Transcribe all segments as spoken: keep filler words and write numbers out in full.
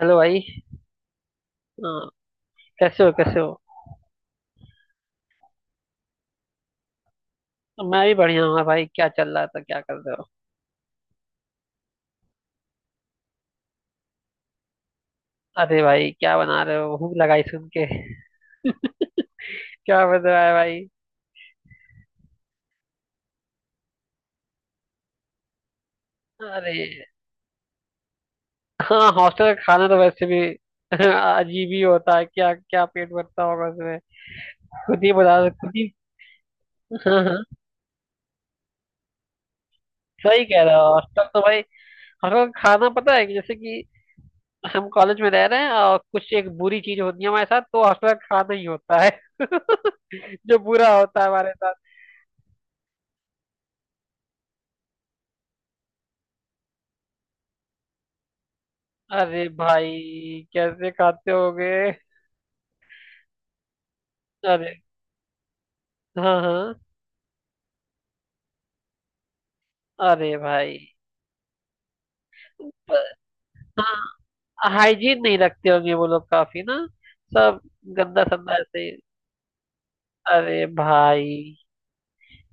Hello भाई। हाँ, कैसे हो? कैसे हो मैं भी बढ़िया हूँ। हाँ भाई, क्या चल रहा था? क्या कर रहे हो? अरे भाई, क्या बना रहे हो? भूख लगाई सुन के। क्या बन रहा है भाई? अरे, हाँ, हॉस्टल का खाना तो वैसे भी अजीब ही होता है। क्या क्या पेट भरता होगा उसमें। खुद ही बता रहे- खुद ही। हाँ हाँ, सही कह रहे हो। हॉस्टल तो भाई, हॉस्टल का खाना पता है कि जैसे कि हम कॉलेज में रह रहे हैं और कुछ एक बुरी चीज होती है हमारे साथ तो हॉस्टल का खाना ही होता है। जो बुरा होता है हमारे। अरे भाई, कैसे खाते होगे? अरे हाँ हाँ। अरे भाई। पर- हाँ, हाइजीन नहीं रखते होंगे वो लोग काफी ना। सब गंदा संदा ऐसे। अरे भाई,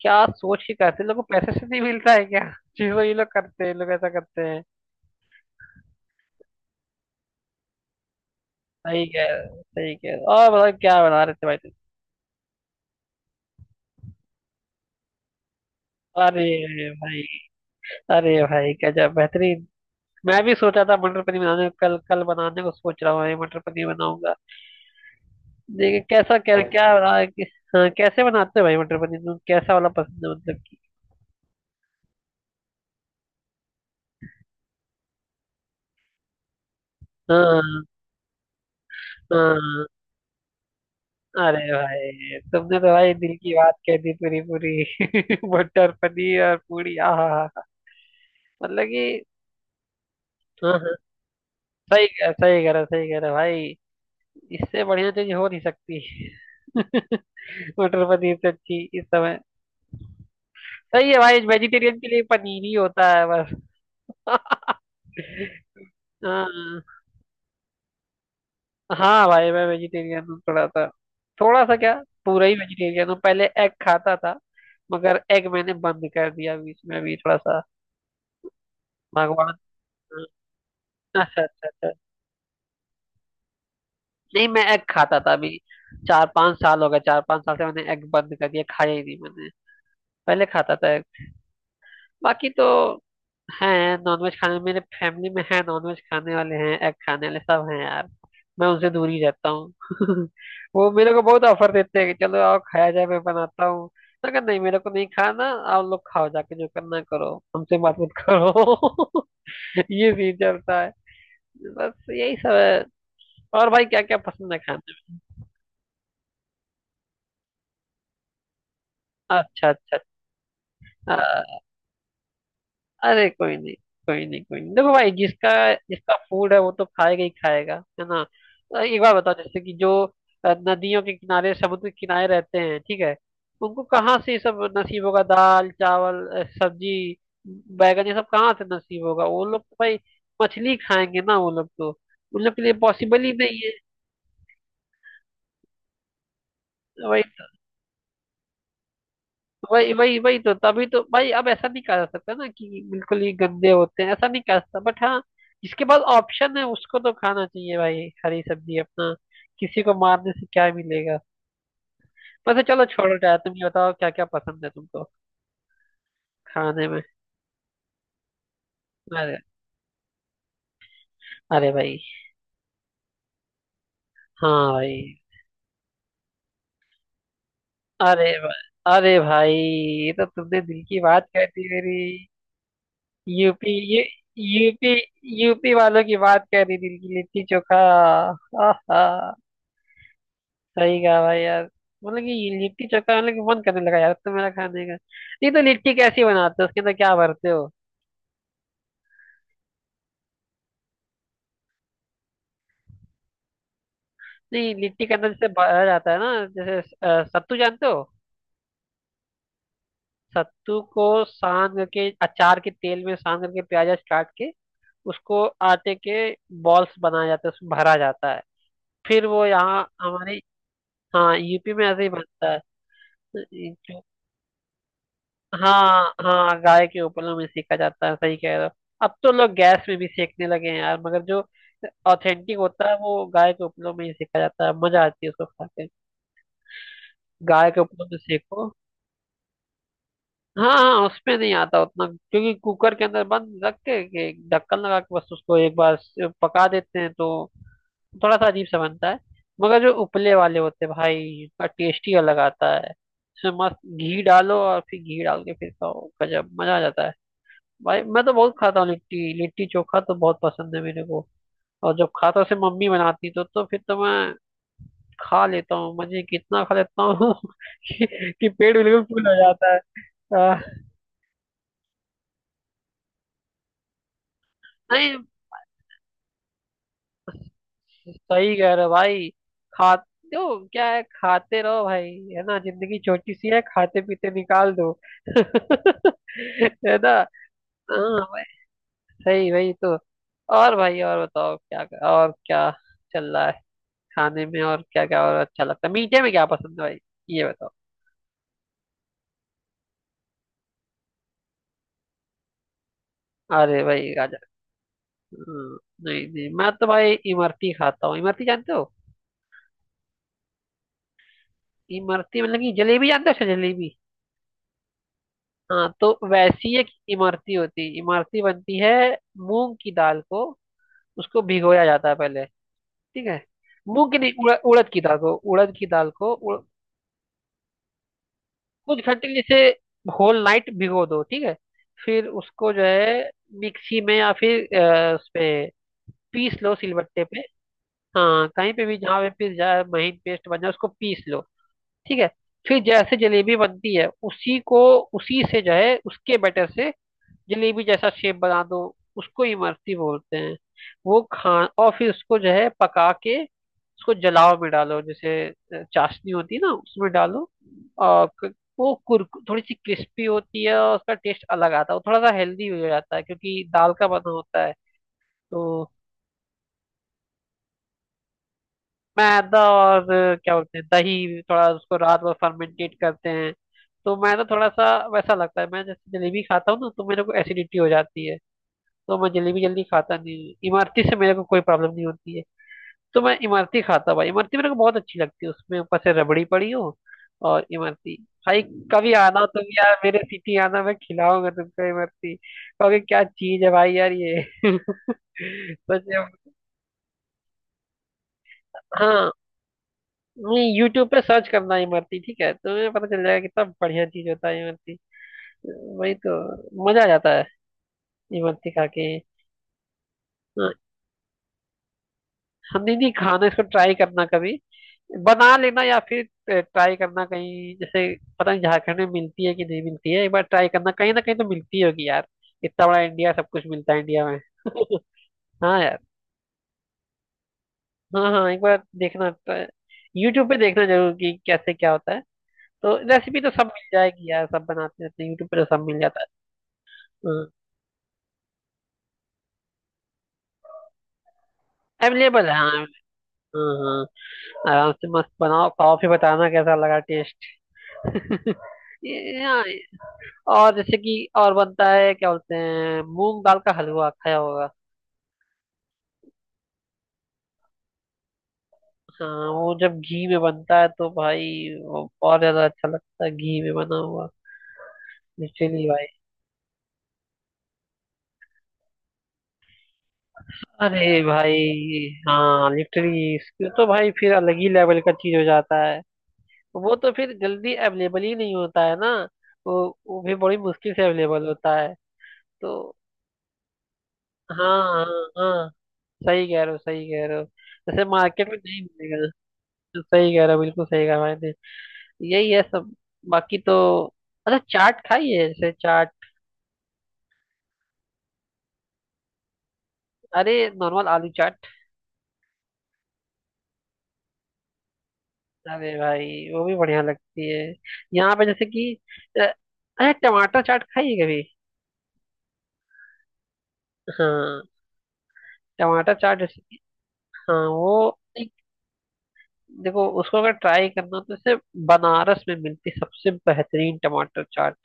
क्या सोच के करते हैं? लोगों को पैसे से नहीं मिलता है क्या? जी वो ये लोग करते हैं, ये लोग ऐसा करते हैं। सही कह रहे हो, सही कह रहे हो। और बताओ क्या बना रहे थे भाई तुम? अरे भाई। अरे भाई, गजब बेहतरीन। मैं भी सोचा था मटर पनीर बनाने को, कल कल बनाने को सोच रहा हूँ भाई, मटर पनीर बनाऊंगा। देखिए कैसा क्या और क्या रहा है कि- हाँ, कैसे बनाते हो भाई मटर पनीर तुम? कैसा वाला पसंद है मतलब कि। हाँ हाँ। अरे भाई तुमने तो भाई दिल की बात कह दी पूरी पूरी। मटर पनीर और पूरी, आहा हा, हा। मतलब कि। हाँ हाँ। सही कह सही कह रहा सही कह रहा भाई। इससे बढ़िया चीज हो नहीं सकती। मटर पनीर से अच्छी इस समय। सही है भाई, वेजिटेरियन के लिए पनीर ही होता है बस। हाँ। हाँ भाई, मैं वेजिटेरियन हूँ थोड़ा सा। थोड़ा सा क्या, पूरा ही वेजिटेरियन हूँ। पहले एग खाता था मगर एग मैंने बंद कर दिया बीच में। अभी थोड़ा सा भगवान। अच्छा अच्छा अच्छा। नहीं, मैं एग खाता था अभी। चार पांच साल हो गए, चार पांच साल से मैंने एग बंद कर दिया, खाया ही नहीं मैंने। पहले खाता था एग। बाकी तो हैं नॉनवेज खाने, मेरे फैमिली में है नॉनवेज खाने वाले हैं, एग खाने वाले सब हैं यार। मैं उनसे दूर ही रहता हूँ। वो मेरे को बहुत ऑफर देते हैं कि चलो आओ खाया जाए, मैं बनाता हूँ। मैं कहा नहीं, मेरे को नहीं खाना। आप लोग खाओ जाके, जो करना करो, हमसे बात मत करो। ये सीन चलता है, बस यही सब है। और भाई, क्या क्या पसंद है खाने में? अच्छा अच्छा अच्छा। अरे कोई नहीं, कोई नहीं, कोई नहीं। देखो भाई जिसका, जिसका फूड है वो तो खाएगा ही खाएगा। है ना? अ, एक बार बताओ जैसे कि जो अ, नदियों के किनारे समुद्र के किनारे रहते हैं, ठीक है, उनको कहाँ से ये सब नसीब होगा? दाल चावल अ, सब्जी, बैगन ये सब कहाँ से नसीब होगा? वो लोग तो भाई मछली खाएंगे ना। वो लोग तो, उन लोग के लिए पॉसिबल ही नहीं है भाई। वही वही वही तो, तभी तो भाई, अब ऐसा नहीं कहा जा सकता ना कि बिल्कुल ही गंदे होते हैं, ऐसा नहीं कहा जा सकता। बट हाँ, जिसके पास ऑप्शन है उसको तो खाना चाहिए भाई हरी सब्जी अपना। किसी को मारने से क्या मिलेगा? वैसे चलो छोड़ो यार, तुम ये बताओ क्या क्या पसंद है तुमको खाने में? अरे। अरे भाई। हाँ भाई। अरे भाई। अरे भाई ये तो तुमने दिल की बात कह दी मेरी। यूपी यू यूपी यूपी वालों की बात कह रही, दिल की, लिट्टी चोखा। आहा, सही कहा भाई यार। मतलब कि ये लिट्टी चोखा, मतलब कि मन करने लगा यार अब तो मेरा खाने का। नहीं तो लिट्टी कैसी बनाते हो? उसके अंदर क्या भरते हो? नहीं, लिट्टी के अंदर जैसे भरा जाता है ना, जैसे अ, सत्तू जानते हो? सत्तू को सान करके, अचार के तेल में सान करके, प्याज काट के उसको आटे के बॉल्स बनाया जाता है, उसमें भरा जाता है। फिर वो यहाँ हमारे, हाँ, यूपी में ऐसे ही बनता है। जो, हाँ हाँ, गाय के उपलों में सेका जाता है, सही कह रहे हो। अब तो लोग गैस में भी सेकने लगे हैं यार, मगर जो ऑथेंटिक होता है वो गाय के उपलों में ही सेका जाता है। मजा आती है उसको खा के। गाय के उपलों में सेको। हाँ हाँ, उसमें नहीं आता उतना क्योंकि कुकर के अंदर बंद रख के के ढक्कन लगा के बस उसको एक बार स- पका देते हैं तो थोड़ा सा अजीब सा बनता है। मगर जो उपले वाले होते हैं भाई, उसका टेस्ट ही अलग आता है। उसमें मस्त घी डालो और फिर घी डाल के फिर खाओ, गजब मजा आ जाता है। भाई मैं तो बहुत खाता हूँ लिट्टी, लिट्टी चोखा तो बहुत पसंद है मेरे को। और जब खाता से मम्मी बनाती तो तो फिर तो मैं खा लेता हूँ मजे, कितना खा लेता हूँ। कि, कि पेट बिल्कुल फुल हो जाता है आ,। नहीं, सही कह रहे हो भाई। खा दो, क्या है, खाते रहो भाई। है ना, जिंदगी छोटी सी है, खाते पीते निकाल दो। है ना। हाँ भाई। सही, वही तो। और भाई, और बताओ क्या और क्या चल रहा है खाने में? और क्या क्या और अच्छा लगता है? मीठे में क्या पसंद है भाई? ये बताओ। अरे भाई, गाजर। हाँ, नहीं नहीं, मैं तो भाई इमरती खाता हूँ। इमरती जानते हो? इमरती मतलब कि, जलेबी जानते हो? अच्छा, जलेबी। हाँ, तो वैसी एक इमरती होती है, इमरती बनती है। मूंग की दाल को, उसको भिगोया जाता है पहले। ठीक है, मूंग की नहीं, उड़, उड़द की दाल को, उड़द की दाल को उड़, कुछ घंटे के लिए, जैसे होल नाइट भिगो दो, ठीक है। फिर उसको जो है मिक्सी में या फिर अ, उस पे पीस लो, सिलबट्टे पे। हाँ, कहीं पे भी जहाँ पे पिस जाए, महीन पेस्ट बन जाए, उसको पीस लो। ठीक है, फिर जैसे जलेबी बनती है, उसी को, उसी से जो है, उसके बैटर से जलेबी जैसा शेप बना दो, उसको इमरती बोलते हैं। वो खा, और फिर उसको जो है पका के उसको जलाव में डालो, जैसे अ, चाशनी होती है ना, उसमें डालो। और क-, वो कुर, थोड़ी सी क्रिस्पी होती है और उसका टेस्ट अलग आता है। वो थोड़ा सा हेल्दी हो जाता है क्योंकि दाल का बना होता है तो। मैदा और अ, क्या बोलते हैं, दही थोड़ा उसको रात भर फर्मेंटेट करते हैं तो मैदा थोड़ा सा वैसा लगता है। मैं जैसे जलेबी खाता हूँ ना तो मेरे को एसिडिटी हो जाती है, तो मैं जलेबी जल्दी खाता नहीं हूँ। इमरती से मेरे को कोई प्रॉब्लम नहीं होती है तो मैं इमरती खाता हूँ भाई। इमरती मेरे को बहुत अच्छी लगती है, उसमें ऊपर से रबड़ी पड़ी हो और इमरती, भाई कभी आना हो तुम यार मेरे सिटी आना, मैं खिलाऊंगा तुमको इमरती। कहोगे क्या चीज है भाई यार ये। सच में, हाँ। नहीं, यूट्यूब पे सर्च करना इमरती, ठीक है, तुम्हें पता चल जाएगा कितना बढ़िया चीज होता है इमरती। वही तो, मजा आ जाता है इमरती खा के। हाँ, हम नहीं नहीं खाना, इसको ट्राई करना कभी, बना लेना या फिर ट्राई करना कहीं। जैसे पता नहीं झारखंड में मिलती है कि नहीं मिलती है, एक बार ट्राई करना। कहीं ना कहीं तो मिलती होगी यार, इतना बड़ा इंडिया, सब कुछ मिलता है इंडिया में। हाँ यार। हाँ हाँ, एक बार देखना, यूट्यूब पे देखना जरूर कि कैसे क्या होता है। तो रेसिपी तो सब मिल जाएगी यार, सब बनाते रहते हैं यूट्यूब पे, तो सब मिल जाता है। हाँ। अवेलेबल है, हाँ हाँ हाँ, आराम से मस्त बनाओ खाओ, फिर बताना कैसा लगा टेस्ट। ये- हाँ, और जैसे कि और बनता है क्या बोलते हैं, मूंग दाल का हलवा खाया होगा। हाँ, वो जब घी में बनता है तो भाई, वो और ज्यादा अच्छा लगता है घी में बना हुआ। लिटरली भाई। अरे भाई, हाँ लिटरली इसके तो भाई फिर अलग ही लेवल का चीज हो जाता है। वो तो फिर जल्दी अवेलेबल ही नहीं होता है ना, वो वो भी बड़ी मुश्किल से अवेलेबल होता है तो। हाँ हाँ, हाँ सही कह रहे हो, सही कह रहे हो। जैसे मार्केट में नहीं मिलेगा तो। सही कह रहे हो, बिल्कुल सही कहा मैंने। यही है सब। बाकी तो अच्छा, चाट खाई है? जैसे चाट, अरे नॉर्मल आलू चाट। अरे भाई, वो भी बढ़िया लगती है। यहाँ पे जैसे कि अ, अरे टमाटर चाट खाई है कभी? हाँ टमाटर चाट जैसे कि, हाँ वो एक- देखो उसको अगर ट्राई करना हो तो, जैसे बनारस में मिलती सबसे बेहतरीन टमाटर चाट।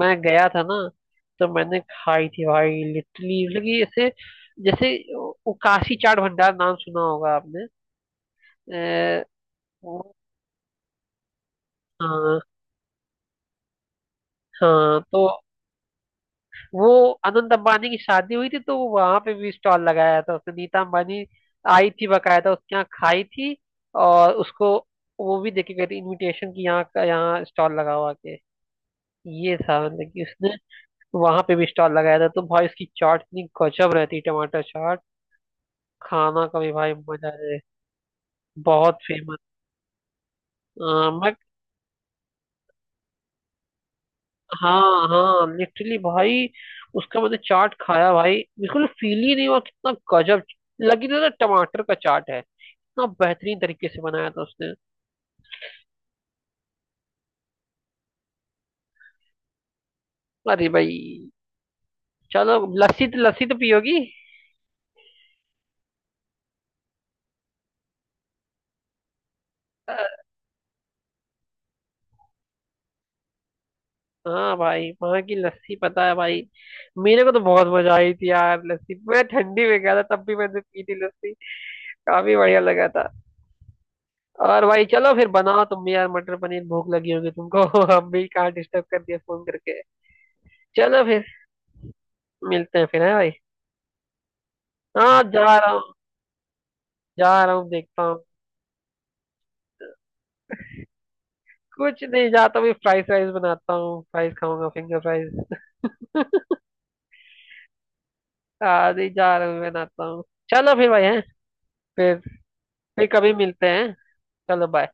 मैं गया था ना तो मैंने खाई थी भाई, लिटरली मतलब कि ऐसे, जैसे वो काशी चाट भंडार नाम सुना होगा आपने अ, वो- हाँ, हाँ तो वो अनंत अंबानी की शादी हुई थी तो वहां पे भी स्टॉल लगाया था उसने। नीता अंबानी आई थी बकायदा उसके यहाँ, खाई थी और उसको, वो भी देके गई थी इनविटेशन की यहाँ का, यहाँ स्टॉल लगा हुआ के ये था, मतलब कि उसने वहां पे भी स्टॉल लगाया था। तो भाई उसकी चाट इतनी गजब रहती, टमाटर चाट खाना का भी भाई मजा है। बहुत फेमस। मैं, हाँ हाँ लिटरली भाई। उसका मैंने चाट खाया भाई, बिल्कुल फील ही नहीं हुआ कितना गजब लगी, ना ना टमाटर का चाट है, इतना बेहतरीन तरीके से बनाया था उसने। अरे भाई, चलो। लस्सी तो, लस्सी तो पियोगी? अ, हाँ भाई, वहाँ की लस्सी पता है भाई, मेरे को तो बहुत मजा आई थी यार लस्सी। मैं ठंडी में गया था तब भी मैंने पी थी लस्सी, काफी बढ़िया लगा था। और भाई चलो फिर, बनाओ तुम भी यार मटर पनीर, भूख लगी होगी तुमको। अब भी कहाँ डिस्टर्ब कर दिया फोन करके। चलो फिर, मिलते हैं फिर है भाई। हाँ, जा रहा हूँ, जा रहा हूँ देखता हूँ। कुछ नहीं, जाता हूँ फ्राइज राइस बनाता हूँ, फ्राइज खाऊंगा, फिंगर फ्राइज। आज ही जा रहा हूँ बनाता हूँ। चलो फिर भाई, है फिर फिर कभी मिलते हैं। चलो, बाय।